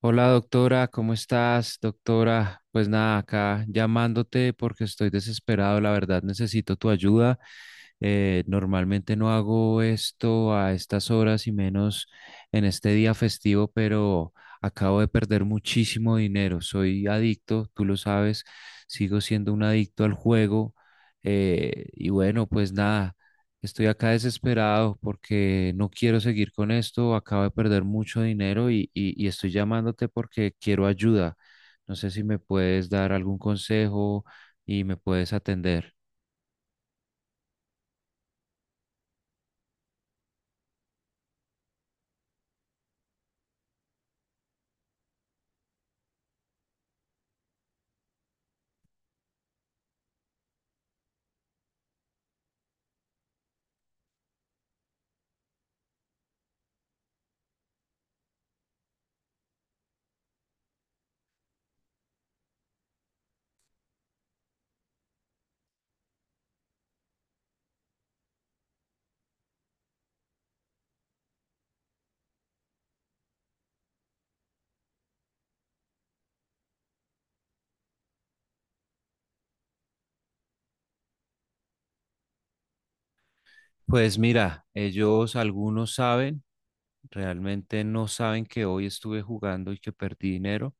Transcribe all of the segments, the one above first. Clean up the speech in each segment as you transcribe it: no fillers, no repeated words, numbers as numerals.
Hola doctora, ¿cómo estás? Doctora, pues nada, acá llamándote porque estoy desesperado, la verdad necesito tu ayuda. Normalmente no hago esto a estas horas y menos en este día festivo, pero acabo de perder muchísimo dinero. Soy adicto, tú lo sabes, sigo siendo un adicto al juego. Y bueno, pues nada. Estoy acá desesperado porque no quiero seguir con esto. Acabo de perder mucho dinero y estoy llamándote porque quiero ayuda. No sé si me puedes dar algún consejo y me puedes atender. Pues mira, ellos algunos saben, realmente no saben que hoy estuve jugando y que perdí dinero.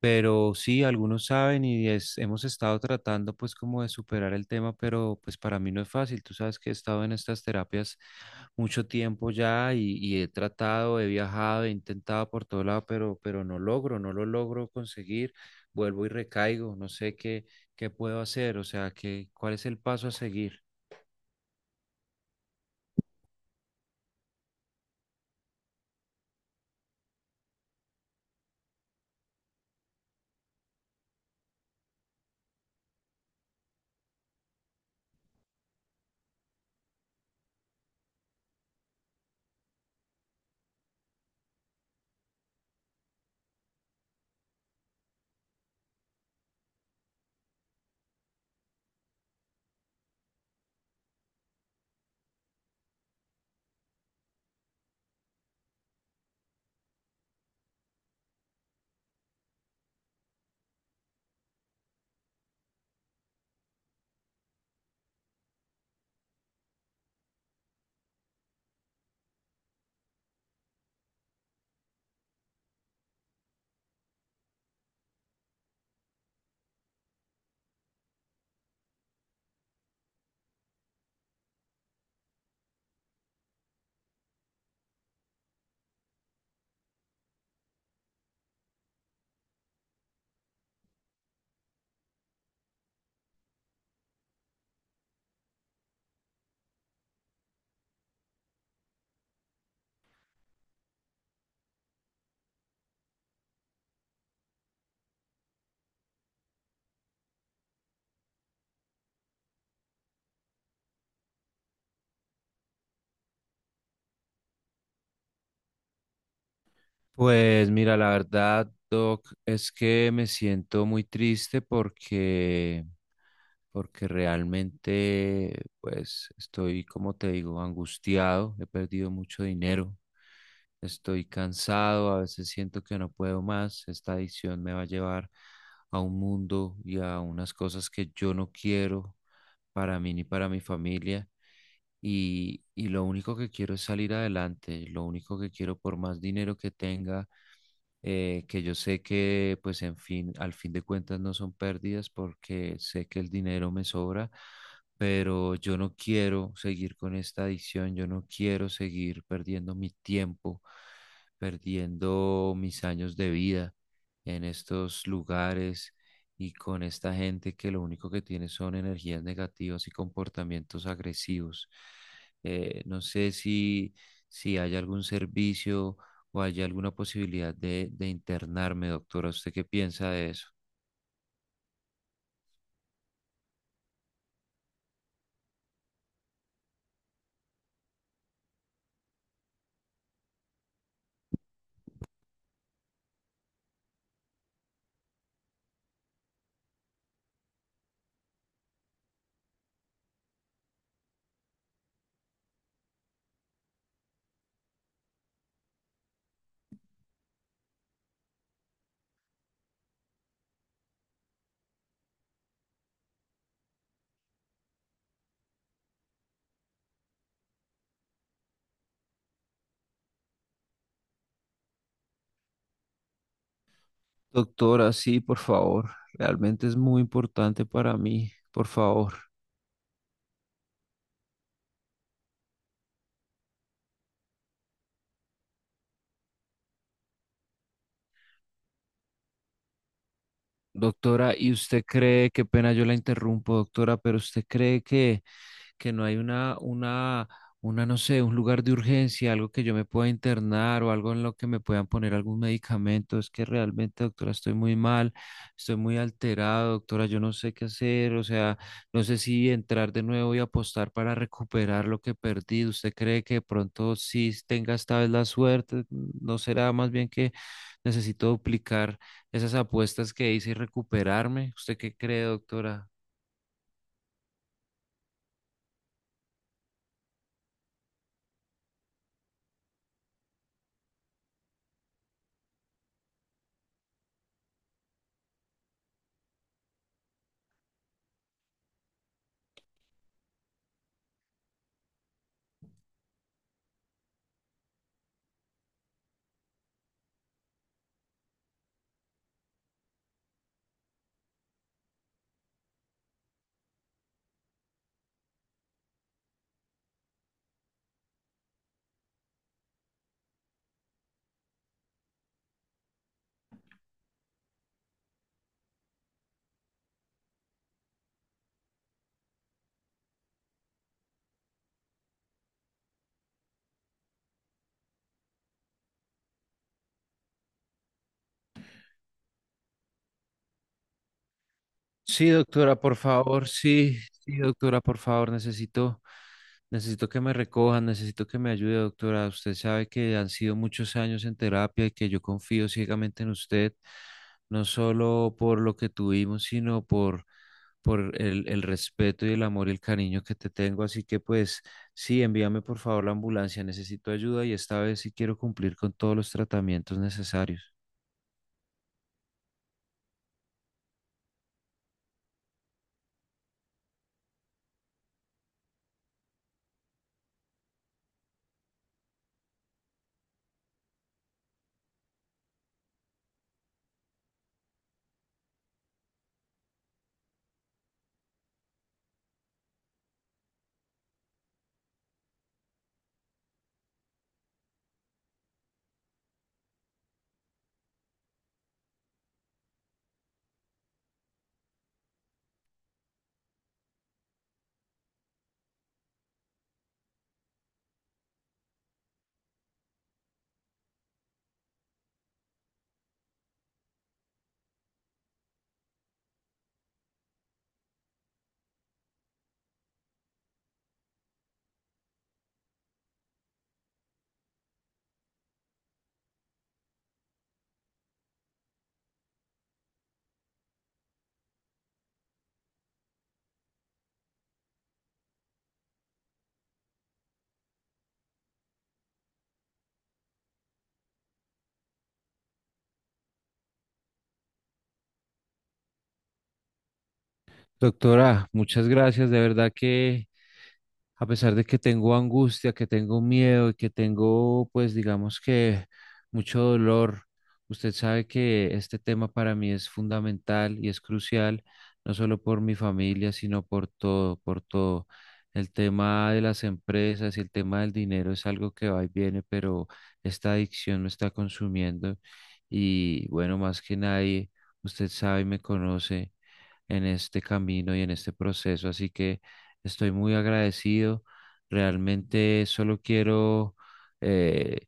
Pero sí, algunos saben y hemos estado tratando pues como de superar el tema, pero pues para mí no es fácil. Tú sabes que he estado en estas terapias mucho tiempo ya y he tratado, he viajado, he intentado por todo lado, pero no logro, no lo logro conseguir. Vuelvo y recaigo, no sé qué, qué puedo hacer, o sea, qué, ¿cuál es el paso a seguir? Pues mira, la verdad, Doc, es que me siento muy triste porque... porque realmente, pues, estoy, como te digo, angustiado, he perdido mucho dinero, estoy cansado, a veces siento que no puedo más, esta adicción me va a llevar a un mundo y a unas cosas que yo no quiero para mí ni para mi familia. Y lo único que quiero es salir adelante, lo único que quiero por más dinero que tenga que yo sé que, pues, en fin, al fin de cuentas no son pérdidas porque sé que el dinero me sobra, pero yo no quiero seguir con esta adicción, yo no quiero seguir perdiendo mi tiempo, perdiendo mis años de vida en estos lugares y con esta gente que lo único que tiene son energías negativas y comportamientos agresivos. No sé si, si hay algún servicio o hay alguna posibilidad de internarme, ¿doctora? ¿Usted qué piensa de eso? Doctora, sí, por favor. Realmente es muy importante para mí, por favor. Doctora, ¿y usted cree, qué pena yo la interrumpo, doctora, pero usted cree que no hay una, no sé, un lugar de urgencia, algo que yo me pueda internar o algo en lo que me puedan poner algún medicamento? Es que realmente, doctora, estoy muy mal, estoy muy alterado, doctora, yo no sé qué hacer, o sea, no sé si entrar de nuevo y apostar para recuperar lo que perdí. ¿Usted cree que de pronto sí tenga esta vez la suerte? ¿No será más bien que necesito duplicar esas apuestas que hice y recuperarme? ¿Usted qué cree, doctora? Sí, doctora, por favor, sí, sí, doctora, por favor, necesito, necesito que me recojan, necesito que me ayude, doctora. Usted sabe que han sido muchos años en terapia y que yo confío ciegamente en usted, no solo por lo que tuvimos, sino por, el respeto y el amor y el cariño que te tengo. Así que pues sí, envíame por favor la ambulancia, necesito ayuda y esta vez sí quiero cumplir con todos los tratamientos necesarios. Doctora, muchas gracias. De verdad que a pesar de que tengo angustia, que tengo miedo y que tengo, pues digamos que mucho dolor, usted sabe que este tema para mí es fundamental y es crucial, no solo por mi familia, sino por todo, por todo. El tema de las empresas y el tema del dinero es algo que va y viene, pero esta adicción me está consumiendo y bueno, más que nadie, usted sabe y me conoce en este camino y en este proceso. Así que estoy muy agradecido. Realmente solo quiero eh,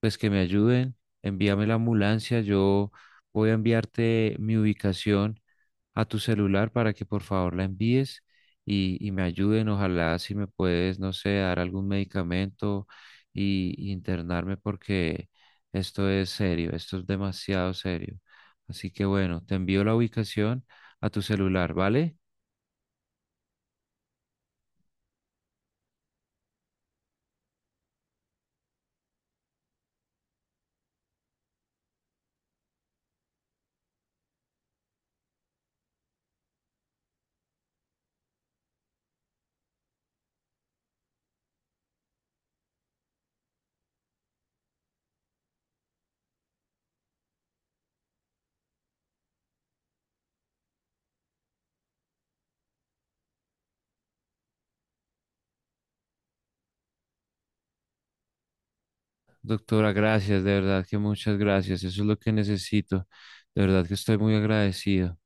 pues que me ayuden. Envíame la ambulancia. Yo voy a enviarte mi ubicación a tu celular para que por favor la envíes y me ayuden. Ojalá si me puedes, no sé, dar algún medicamento y internarme porque esto es serio, esto es demasiado serio. Así que bueno, te envío la ubicación a tu celular, ¿vale? Doctora, gracias, de verdad que muchas gracias. Eso es lo que necesito. De verdad que estoy muy agradecido.